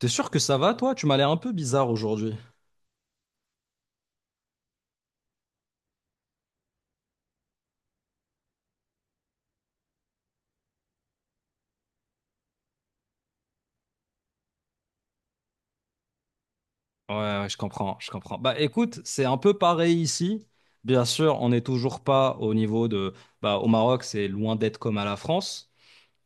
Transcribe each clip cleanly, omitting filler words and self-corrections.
T'es sûr que ça va, toi? Tu m'as l'air un peu bizarre aujourd'hui. Ouais, je comprends. Bah écoute, c'est un peu pareil ici. Bien sûr, on n'est toujours pas au niveau de... Bah au Maroc, c'est loin d'être comme à la France,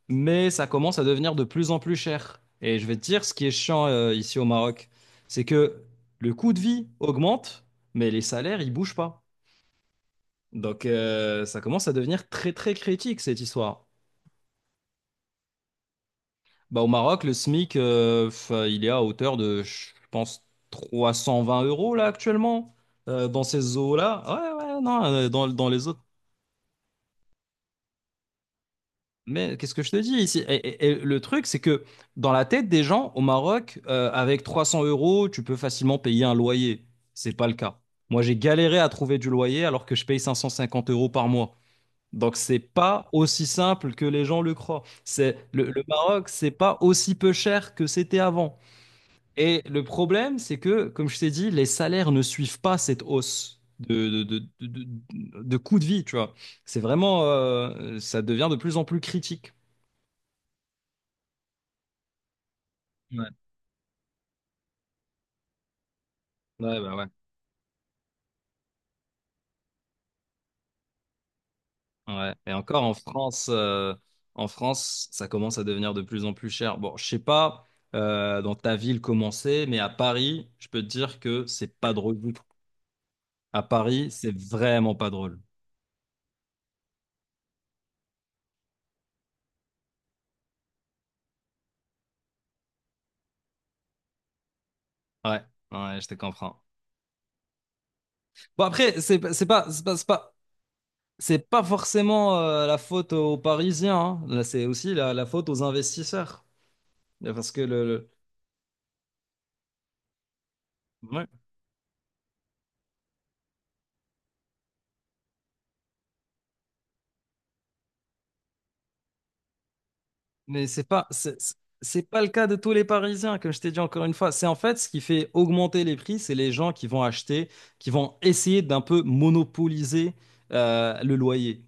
mais ça commence à devenir de plus en plus cher. Et je vais te dire, ce qui est chiant ici au Maroc, c'est que le coût de vie augmente, mais les salaires, ils bougent pas. Donc ça commence à devenir très très critique, cette histoire. Bah, au Maroc, le SMIC, il est à hauteur de, je pense, 320 euros là actuellement, dans ces eaux-là. Ouais, ouais, non, dans, dans les autres. Mais qu'est-ce que je te dis ici? Et le truc, c'est que dans la tête des gens, au Maroc, avec 300 euros, tu peux facilement payer un loyer. C'est pas le cas. Moi, j'ai galéré à trouver du loyer alors que je paye 550 euros par mois. Donc, c'est pas aussi simple que les gens le croient. Le Maroc, c'est pas aussi peu cher que c'était avant. Et le problème, c'est que, comme je t'ai dit, les salaires ne suivent pas cette hausse de coût de vie, tu vois. C'est vraiment, ça devient de plus en plus critique. Ouais, ouais, bah ouais. Ouais. Et encore en France, en France, ça commence à devenir de plus en plus cher. Bon, je sais pas dans ta ville comment c'est, mais à Paris, je peux te dire que c'est pas drôle du tout. À Paris, c'est vraiment pas drôle. Ouais, ouais, je te comprends. Bon après, c'est pas, c'est pas, c'est pas, c'est pas C'est pas forcément la faute aux Parisiens, hein. Là, c'est aussi la faute aux investisseurs. Parce que le- Ouais. Mais c'est pas le cas de tous les Parisiens, comme je t'ai dit encore une fois. C'est en fait ce qui fait augmenter les prix, c'est les gens qui vont acheter, qui vont essayer d'un peu monopoliser le loyer.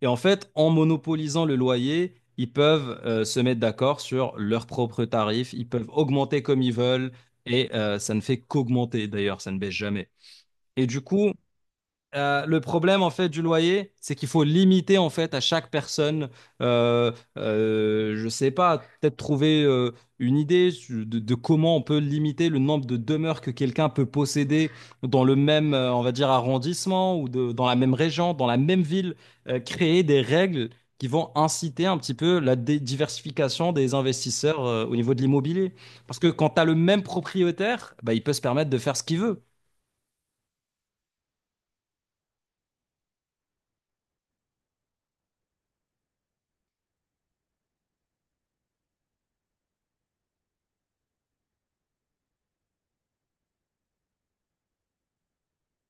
Et en fait, en monopolisant le loyer, ils peuvent se mettre d'accord sur leurs propres tarifs, ils peuvent augmenter comme ils veulent, et ça ne fait qu'augmenter d'ailleurs, ça ne baisse jamais. Et du coup, le problème en fait du loyer, c'est qu'il faut limiter en fait à chaque personne. Je sais pas, peut-être trouver une idée de comment on peut limiter le nombre de demeures que quelqu'un peut posséder dans le même, on va dire arrondissement ou dans la même région, dans la même ville. Créer des règles qui vont inciter un petit peu la diversification des investisseurs au niveau de l'immobilier. Parce que quand tu as le même propriétaire, bah, il peut se permettre de faire ce qu'il veut.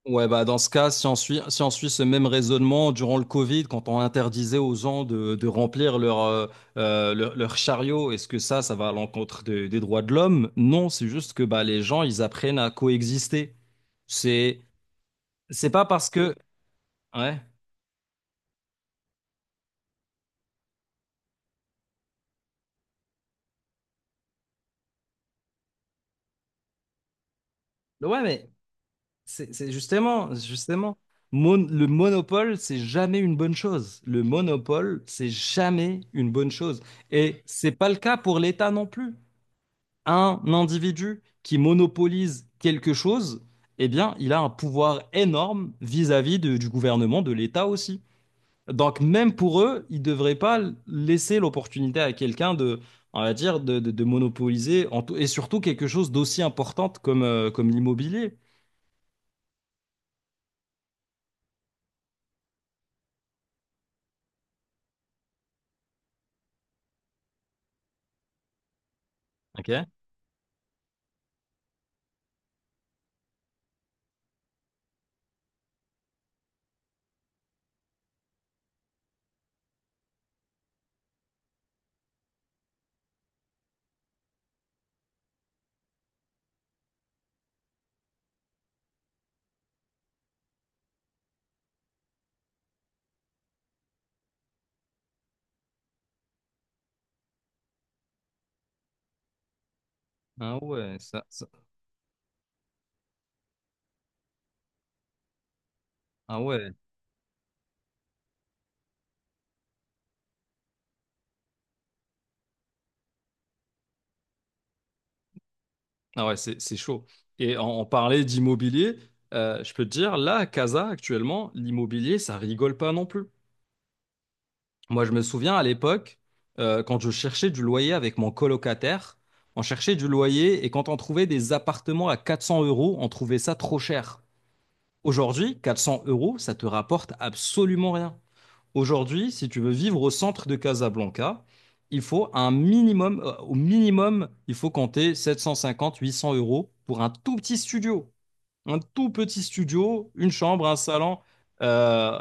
Ouais, bah dans ce cas, si on suit ce même raisonnement durant le Covid, quand on interdisait aux gens de remplir leur, leur chariot, est-ce que ça va à l'encontre des droits de l'homme? Non, c'est juste que bah, les gens, ils apprennent à coexister. C'est, c'est pas parce que... Ouais, ouais, mais c'est justement, justement, le monopole, c'est jamais une bonne chose. Le monopole, c'est jamais une bonne chose. Et c'est pas le cas pour l'État non plus. Un individu qui monopolise quelque chose, eh bien, il a un pouvoir énorme vis-à-vis du gouvernement, de l'État aussi. Donc, même pour eux, ils ne devraient pas laisser l'opportunité à quelqu'un de, on va dire, de monopoliser, et surtout quelque chose d'aussi importante comme, comme l'immobilier. Ok. Ah ouais, ça, ça- ah ouais, ah ouais, c'est chaud. Et on parlait d'immobilier, je peux te dire, là, à Casa, actuellement, l'immobilier, ça rigole pas non plus. Moi, je me souviens à l'époque, quand je cherchais du loyer avec mon colocataire, on cherchait du loyer et quand on trouvait des appartements à 400 euros, on trouvait ça trop cher. Aujourd'hui, 400 euros, ça te rapporte absolument rien. Aujourd'hui, si tu veux vivre au centre de Casablanca, il faut un minimum, au minimum, il faut compter 750-800 euros pour un tout petit studio. Un tout petit studio, une chambre, un salon, euh,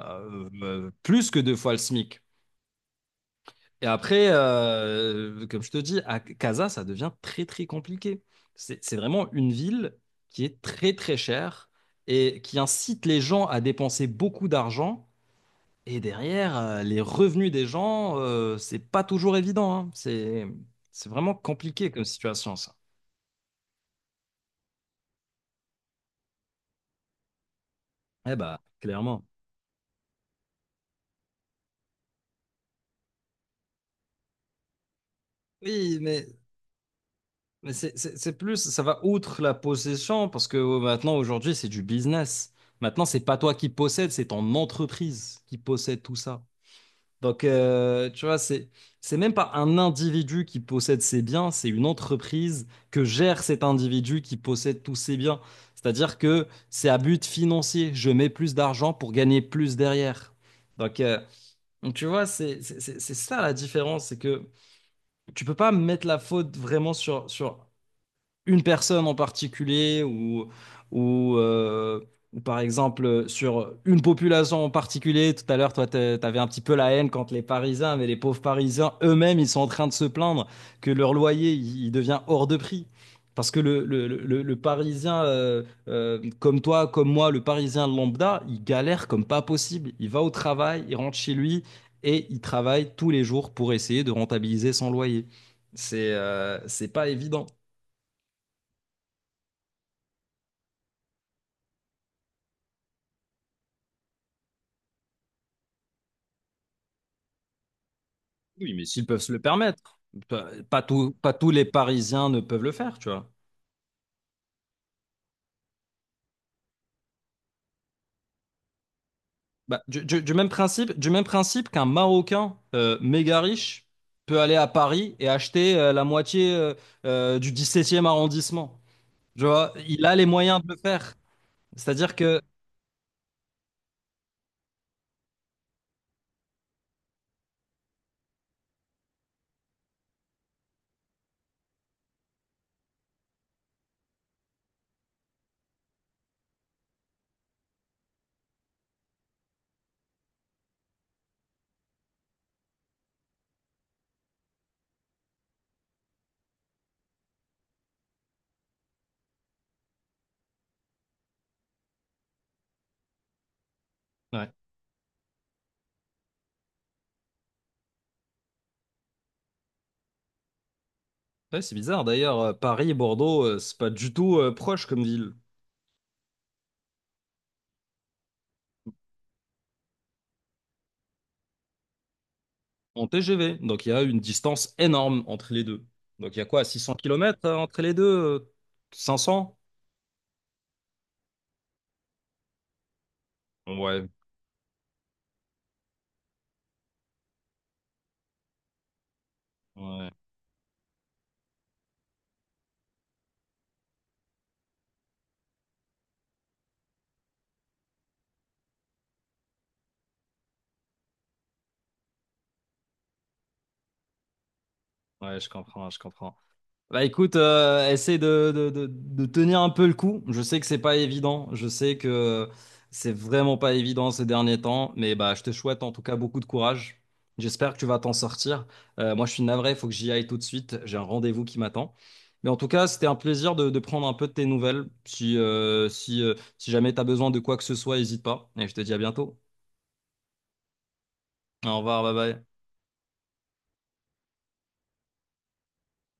euh, plus que deux fois le SMIC. Et après, comme je te dis, à Casa, ça devient très très compliqué. C'est vraiment une ville qui est très très chère et qui incite les gens à dépenser beaucoup d'argent. Et derrière, les revenus des gens, c'est pas toujours évident, hein. C'est vraiment compliqué comme situation, ça. Eh bah, clairement. Oui, mais c'est plus, ça va outre la possession parce que maintenant, aujourd'hui, c'est du business. Maintenant, c'est pas toi qui possèdes, c'est ton entreprise qui possède tout ça. Donc, tu vois, c'est même pas un individu qui possède ses biens, c'est une entreprise que gère cet individu qui possède tous ses biens. C'est-à-dire que c'est à but financier. Je mets plus d'argent pour gagner plus derrière. Donc, euh, donc, tu vois, c'est ça la différence. C'est que tu peux pas mettre la faute vraiment sur une personne en particulier ou, ou, euh, ou par exemple sur une population en particulier. Tout à l'heure, toi, t'avais un petit peu la haine contre les Parisiens, mais les pauvres Parisiens eux-mêmes, ils sont en train de se plaindre que leur loyer, il devient hors de prix. Parce que le Parisien, comme toi, comme moi, le Parisien lambda, il galère comme pas possible. Il va au travail, il rentre chez lui et il travaille tous les jours pour essayer de rentabiliser son loyer. C'est pas évident. Oui, mais s'ils peuvent se le permettre, pas tous les Parisiens ne peuvent le faire, tu vois. Bah, du même principe qu'un Marocain méga riche peut aller à Paris et acheter euh, la moitié du 17e arrondissement. Tu vois, il a les moyens de le faire. C'est-à-dire que... Ouais, Ouais, c'est bizarre. D'ailleurs, Paris et Bordeaux, c'est pas du tout proche comme ville en TGV. Donc il y a une distance énorme entre les deux. Donc il y a quoi, 600 kilomètres entre les deux? 500. Ouais. Ouais. Ouais, je comprends. Bah écoute, essaie de tenir un peu le coup. Je sais que c'est pas évident. Je sais que c'est vraiment pas évident ces derniers temps. Mais bah je te souhaite en tout cas beaucoup de courage. J'espère que tu vas t'en sortir. Moi, je suis navré, il faut que j'y aille tout de suite. J'ai un rendez-vous qui m'attend. Mais en tout cas, c'était un plaisir de prendre un peu de tes nouvelles. Si jamais tu as besoin de quoi que ce soit, n'hésite pas. Et je te dis à bientôt. Au revoir, bye bye.